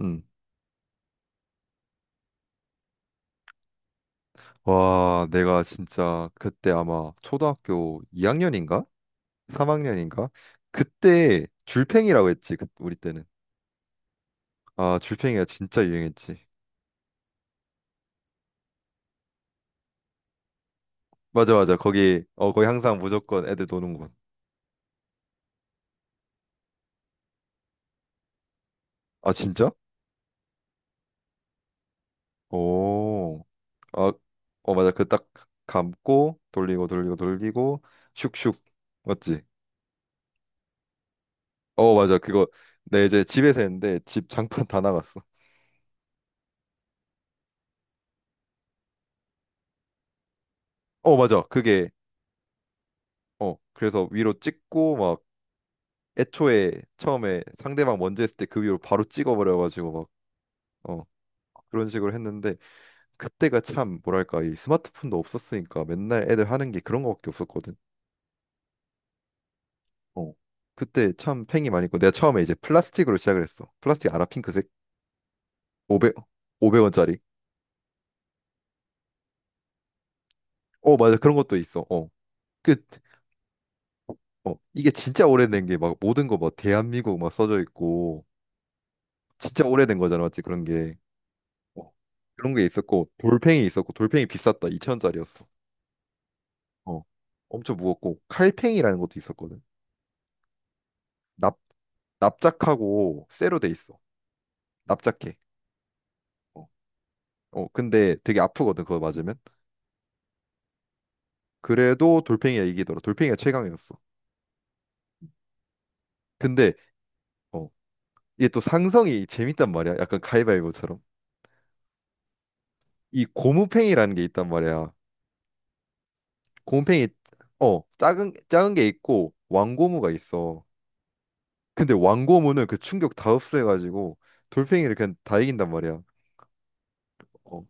응. 와, 내가 진짜 그때 아마 초등학교 2학년인가? 3학년인가? 그때 줄팽이라고 했지. 우리 때는. 아, 줄팽이가 진짜 유행했지. 맞아, 맞아. 거기 거기 항상 무조건 애들 노는 곳. 아, 진짜? 오. 아, 맞아. 그 딱 감고 돌리고 돌리고 돌리고 슉슉. 맞지? 어, 맞아. 그거 내 이제 집에서 했는데 집 장판 다 나갔어. 어, 맞아. 그게 어, 그래서 위로 찍고 애초에 처음에 상대방 먼저 했을 때 그 위로 바로 찍어버려가지고 막 어, 그런 식으로 했는데 그때가 참 뭐랄까 이 스마트폰도 없었으니까 맨날 애들 하는 게 그런 거밖에 없었거든. 어. 그때 참 팽이 많이 있고 내가 처음에 이제 플라스틱으로 시작을 했어. 플라스틱 알아? 핑크색 500 500원짜리. 어 맞아 그런 것도 있어. 어. 그 어, 이게 진짜 오래된 게 막 모든 거 막 대한민국 막 써져 있고 진짜 오래된 거잖아 맞지 그런 게. 어. 그런 게 있었고 돌팽이 있었고 돌팽이 비쌌다 2천원짜리였어. 어, 엄청 무겁고 칼팽이라는 것도 있었거든. 납 납작하고 쇠로 돼 있어. 납작해. 어, 어, 근데 되게 아프거든. 그거 맞으면. 그래도 돌팽이가 이기더라. 돌팽이가 최강이었어. 근데 어, 이게 또 상성이 재밌단 말이야. 약간 가위바위보처럼. 이 고무팽이라는 게 있단 말이야. 고무팽이 어, 작은 작은 게 있고 왕고무가 있어. 근데 왕고무는 그 충격 다 흡수해가지고 돌팽이를 그냥 다 이긴단 말이야. 어,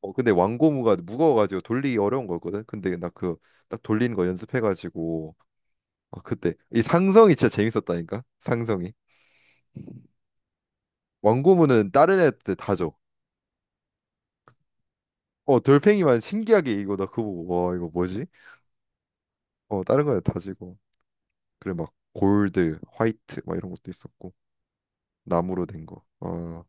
어 근데 왕고무가 무거워가지고 돌리기 어려운 거였거든. 근데 나 그 딱 돌리는 거 연습해가지고 아 그때 이 상성이 진짜 재밌었다니까. 상성이 왕고무는 다른 애한테 다 줘. 어 돌팽이만 신기하게 이거 나 그거 보고 와 이거 뭐지? 어 다른 거에 다 지고 그래 막 골드, 화이트 막 이런 것도 있었고 나무로 된 거. 어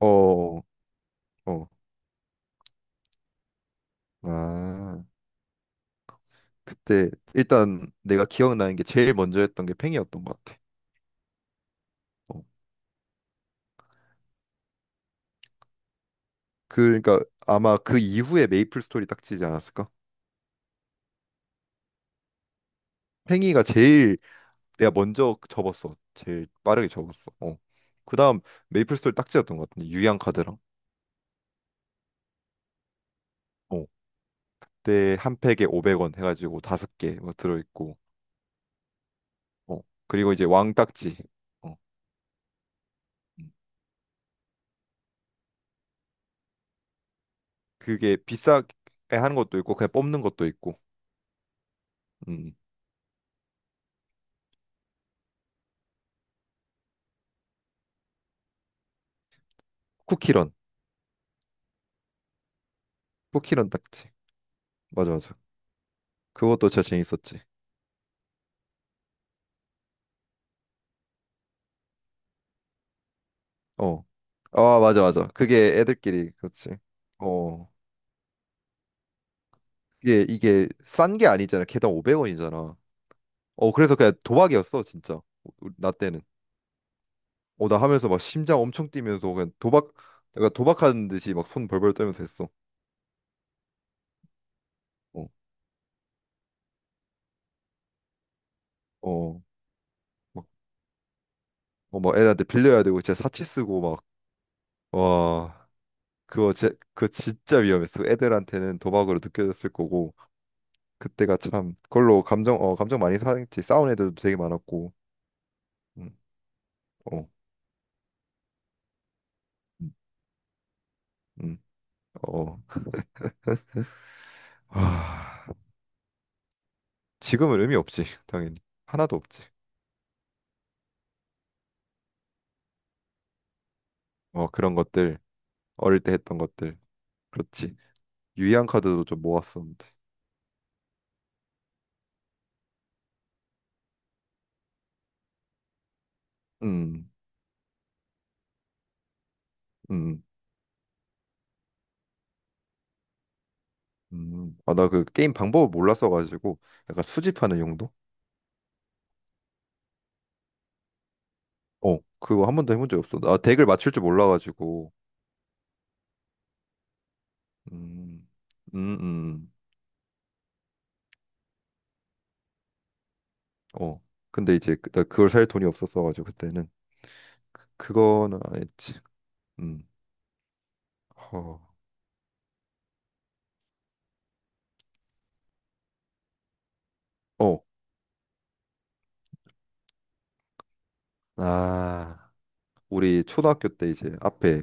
어 어. 아 그때 일단 내가 기억나는 게 제일 먼저 했던 게 팽이였던 것 같아. 어, 그, 그러니까 아마 그 이후에 메이플 스토리 딱지지 않았을까? 팽이가 제일 내가 먼저 접었어. 제일 빠르게 접었어. 어. 그다음 메이플스토리 딱지였던 것 같은데 유양 카드랑. 어. 그때 한 팩에 500원 해가지고 다섯 개 들어 있고. 어. 그리고 이제 왕 딱지. 어. 음. 그게 비싸게 하는 것도 있고 그냥 뽑는 것도 있고. 음. 쿠키런. 쿠키런 딱지. 맞아 맞아. 그것도 진짜 재밌었지. 어. 아 맞아 맞아. 그게 애들끼리 그렇지. 어. 이게 싼 게 아니잖아. 개당 500원이잖아. 어 그래서 그냥 도박이었어 진짜. 우 나 때는 어 나 하면서 막 심장 엄청 뛰면서 그냥 도박 내가 도박하는 듯이 막 손 벌벌 떨면서 했어. 어어막어막 애들한테 빌려야 되고 진짜 사치 쓰고 막와 그거 진짜 위험했어 애들한테는 도박으로 느껴졌을 거고 그때가 참 그걸로 감정 어 감정 많이 상했지 싸운 애들도 되게 많았고. 음어음어아 지금은 의미 없지 당연히 하나도 없지. 어 그런 것들 어릴 때 했던 것들 그렇지 유의한 카드로 좀 모았었는데. 음, 음, 아, 나 그 게임 방법을 몰랐어가지고 약간 수집하는 용도? 어, 그거 한 번도 해본 적 없어. 나 덱을 맞출 줄 몰라가지고. 음, 음, 음. 어. 근데 이제 나 그걸 살 돈이 없었어가지고 그때는 그, 그거는 안 했지. 음. 허... 어. 아, 우리 초등학교 때 이제 앞에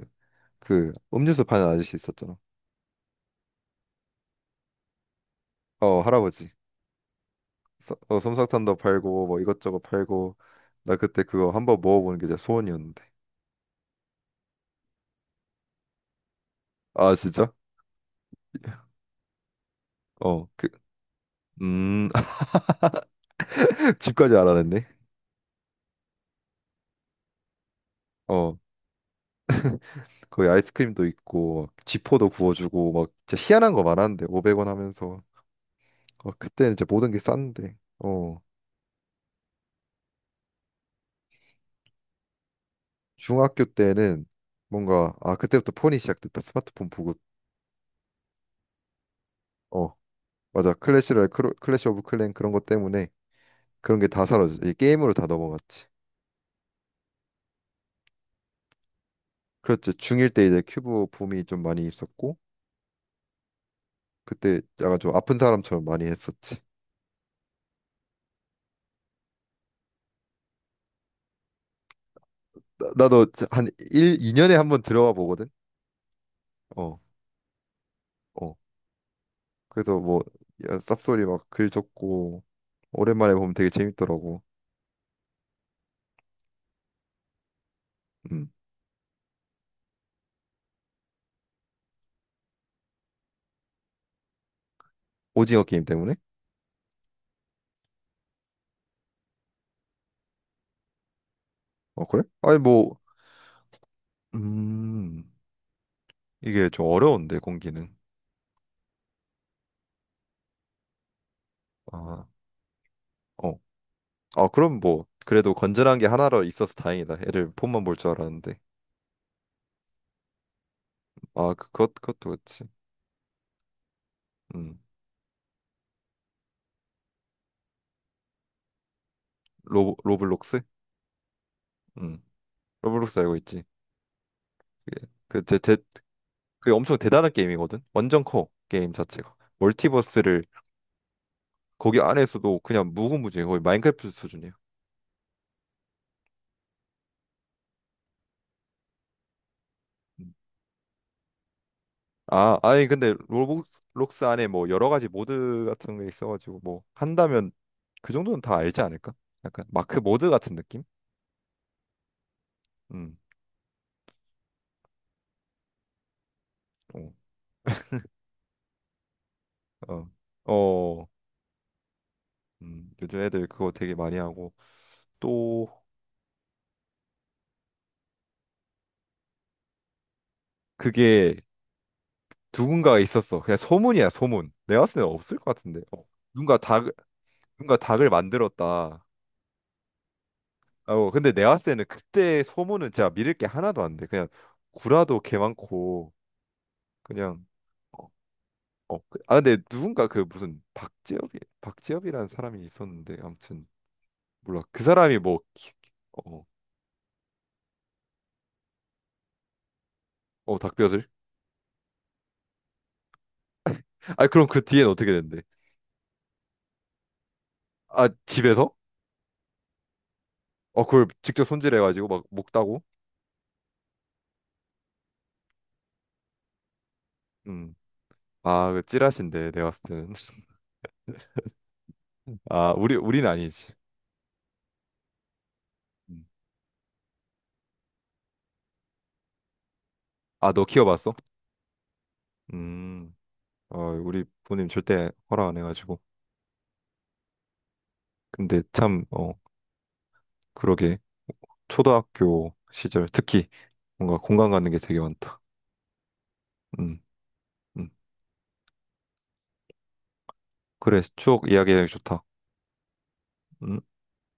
그 음료수 파는 아저씨 있었잖아. 어, 할아버지. 어, 솜사탕도 팔고 뭐 이것저것 팔고 나 그때 그거 한번 먹어보는 게 진짜 소원이었는데. 아 진짜? 어 그 음 집까지 알아냈네. 어 거기 아이스크림도 있고 막 지포도 구워주고 막 진짜 희한한 거 많았는데 500원 하면서. 어 그때는 이제 모든 게 싼데 어 중학교 때는 뭔가 아 그때부터 폰이 시작됐다 스마트폰 보급 어 맞아 클래시랄 클래시 오브 클랜 그런 것 때문에 그런 게 다 사라졌어 이 게임으로 다 넘어갔지. 그렇지. 중1 때 이제 큐브 붐이 좀 많이 있었고 그때 약간 좀 아픈 사람처럼 많이 했었지. 나도 한일 2년에 한번 들어와 보거든. 어, 어. 그래서 뭐 야, 쌉소리 막 글 적고 오랜만에 보면 되게 재밌더라고. 음. 오징어 게임 때문에? 어, 그래? 아니 뭐 음. 이게 좀 어려운데 공기는. 아, 어. 아, 그럼 뭐 그래도 건전한 게 하나로 있어서 다행이다. 애들 폰만 볼 줄 알았는데. 아, 그것도 그렇지. 음. 로 로블록스? 음. 로블록스 알고 있지? 그게 그 제 제 그게 엄청 대단한 게임이거든. 완전 커 게임 자체가. 멀티버스를 거기 안에서도 그냥 무궁무진해. 거의 마인크래프트 수준이야. 음. 아, 아니 근데 로블록스 안에 뭐 여러 가지 모드 같은 게 있어가지고 뭐 한다면 그 정도는 다 알지 않을까? 약간 마크 모드 같은 느낌? 음, 어, 어, 어, 요즘 애들 그거 되게 많이 하고 또 그게 누군가가 있었어. 그냥 소문이야, 소문. 내가 봤을 때는 없을 것 같은데. 어. 누군가 다 뭔가 닭을 만들었다. 어, 근데 내가 봤을 때는 그때 소문은 진짜 믿을 게 하나도 안 돼. 그냥 구라도 개 많고 그냥 어, 어. 아 근데 누군가 그 무슨 박재엽이라는 사람이 있었는데 아무튼 몰라. 그 사람이 뭐 어, 어 닭뼈질? 아 그럼 그 뒤엔 어떻게 된대? 아 집에서? 어 그걸 직접 손질해가지고 막 먹다고? 음. 아, 그 찌라신데 내가 봤을 때는. 아, 우리는 아니지. 음. 아, 너 키워봤어? 음. 어, 우리 부모님 절대 허락 안 해가지고. 근데 참, 어, 그러게. 초등학교 시절 특히 뭔가 공감 가는 게 되게 많다. 음, 음. 그래, 추억 이야기하기 좋다. 음.